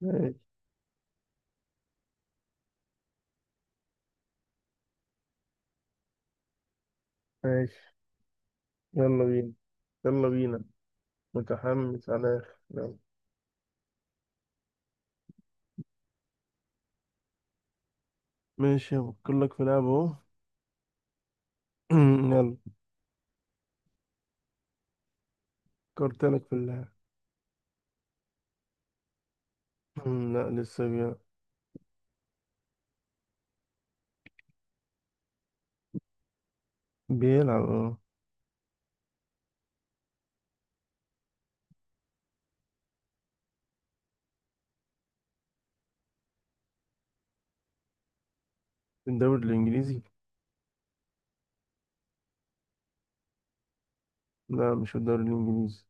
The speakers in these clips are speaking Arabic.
ماشي. ماشي. يلا بينا. يلا بينا. متحمس على الآخر. يلا. ماشي، هفكر لك في لعبة اهو. يلا. فكرت لك في اللعبة. لا، لسه بيلعب اه. في الدوري الإنجليزي؟ لا، مش في الدوري الإنجليزي.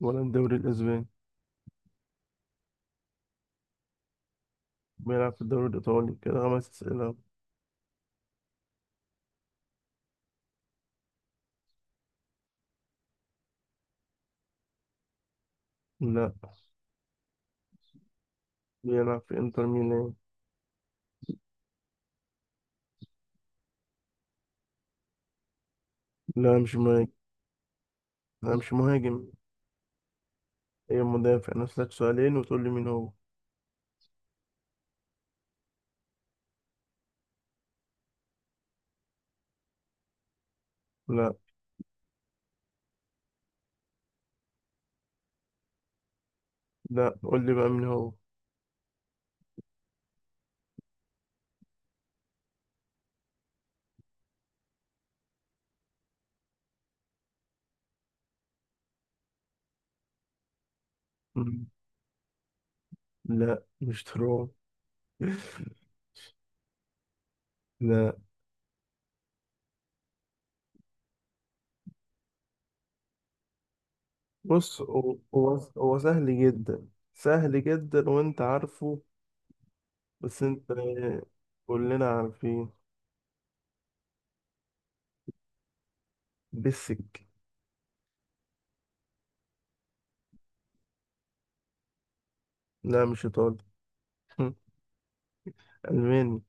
ولا الدوري الأسباني. بيلعب في الدوري الإيطالي. كده خمس أسئلة. لا. بيلعب في إنتر ميلان. لا، مش مهاجم. لا، مش مهاجم. هي مدافع نفسك سؤالين وتقول لي مين هو. لا. لا، قول لي بقى مين هو. مم. لا، مش تراب. لا. بص، هو سهل جدا. سهل جدا وانت عارفه. بس انت، كلنا عارفين. بسك. لا، مش ايطالي. الماني.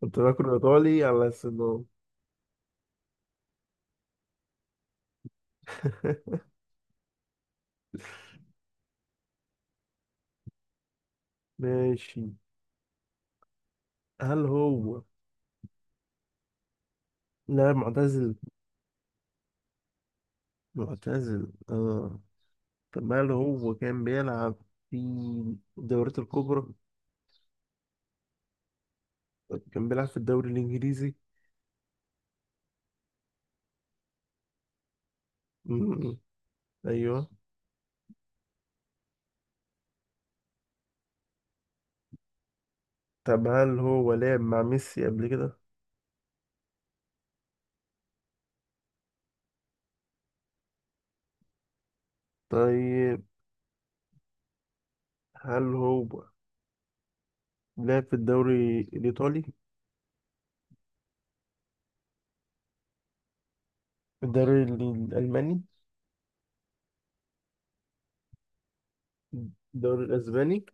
كنت باكل ايطالي على السنون. ماشي. هل هو، لا معتزل. معتزل اه. طب هل هو كان بيلعب في الدوريات الكبرى؟ طب كان بيلعب في الدوري الانجليزي؟ م- م. ايوه. طب هل هو لعب مع ميسي قبل كده؟ طيب هل هو لعب في الدوري الإيطالي؟ الدوري الألماني؟ الدوري الأسباني؟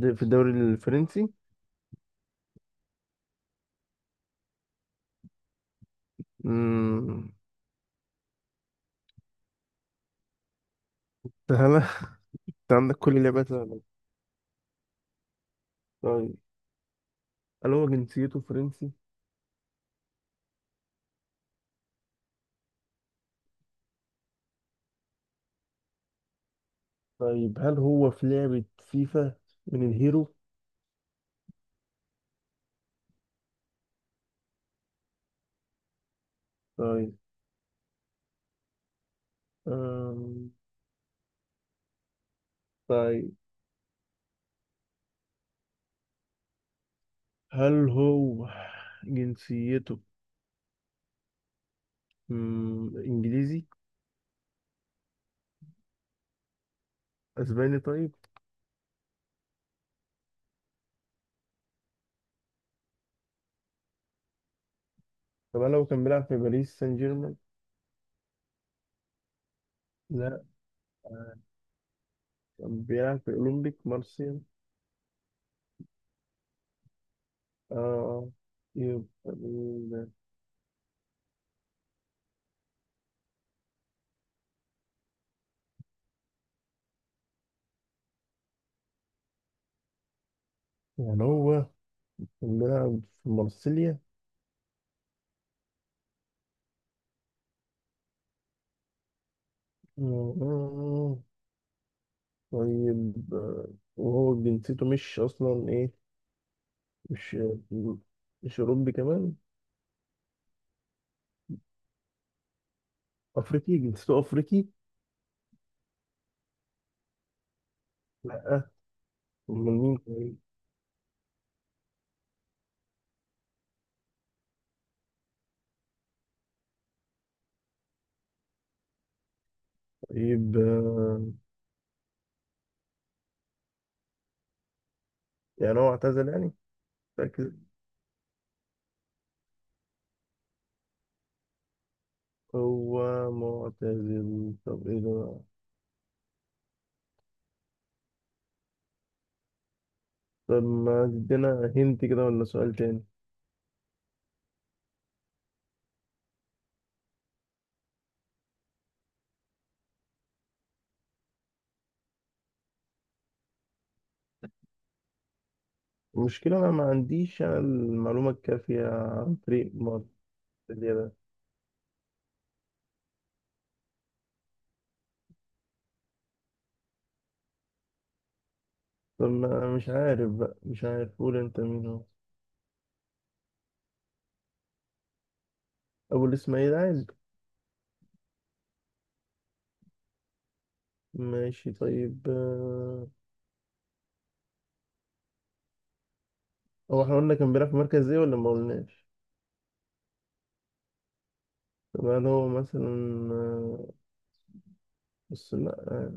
في الدوري الفرنسي. امم. سهلة. انت عندك كل لعبة سهلة. طيب، هل هو جنسيته فرنسي؟ طيب هل هو في لعبة فيفا من الهيرو؟ طيب. أم... طيب. هل هو جنسيته إنجليزي؟ أسباني طيب. طب هل هو كان بيلعب في باريس سان جيرمان؟ لا، كان بيلعب في أولمبيك مارسيل. آه يبقى مين؟ يعني هو كان بيلعب في مارسيليا. آه، طيب. وهو جنسيته مش أصلا إيه؟ مش مش أوروبي كمان. أفريقي، جنسيته أفريقي. لأ. أمال مين طيب. طيب، يعني هو اعتزل يعني. فاكر هو معتزل. طب إيه ده. طب ما تدينا هنت كده ولا سؤال تاني. المشكلة أنا ما عنديش أنا المعلومة الكافية عن فريق مارسيليا ده. طب مش عارف بقى مش عارف. قول أنت مين هو. أبو الإسماعيلي عادي. ماشي، طيب. هو إحنا قلنا كان بيلعب في مركز إيه ولا ما قلناش؟ طب هل هو مثلا آه، بس لأ.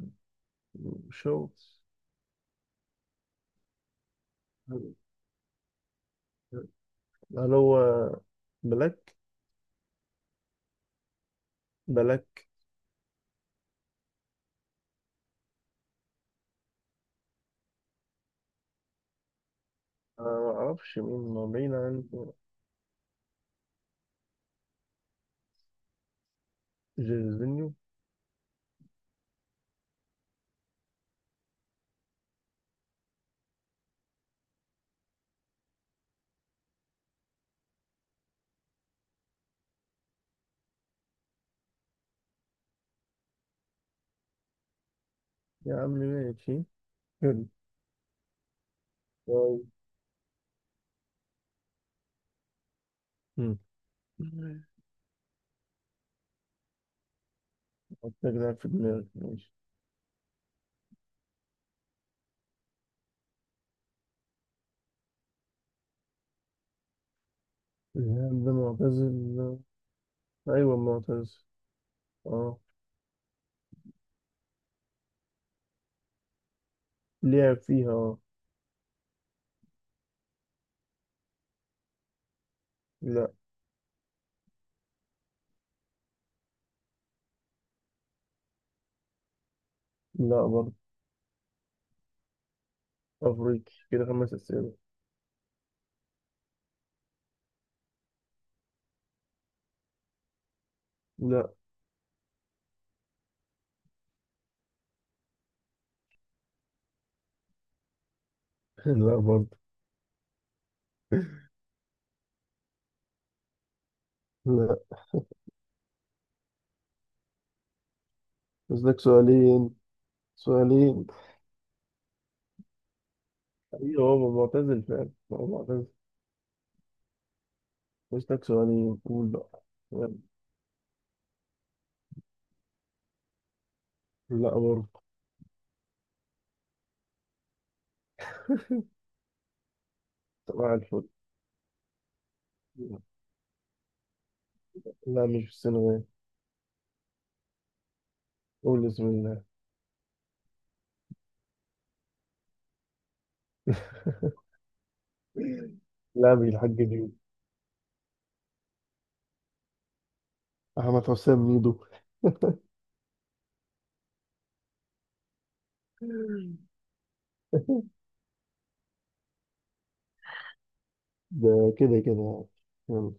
مش هو. هل هو بلاك؟ بلاك. أنا ما أعرفش مين، ما بعيد عن جيرزينيو. يا عم ماشي. حلو. طيب. مم. حط لك لاعب في دماغك ماشي. الهام ده معتزل. أيوة معتزل اه. لعب فيها اه. لا. لا برضه. أفريقي كده خمس أسئلة. لا. لا برضه. لا. بس لك سؤالين. سؤالين. أيوة هو معتزل فعلا، هو معتزل. بس لك سؤالين، قول بقى. يلا. لا برضه. طبعا الفل. لا، مش في السنغال. قول بسم الله. لا، مش الحاج ميدو. أحمد حسام ميدو. ده كده كده يعني.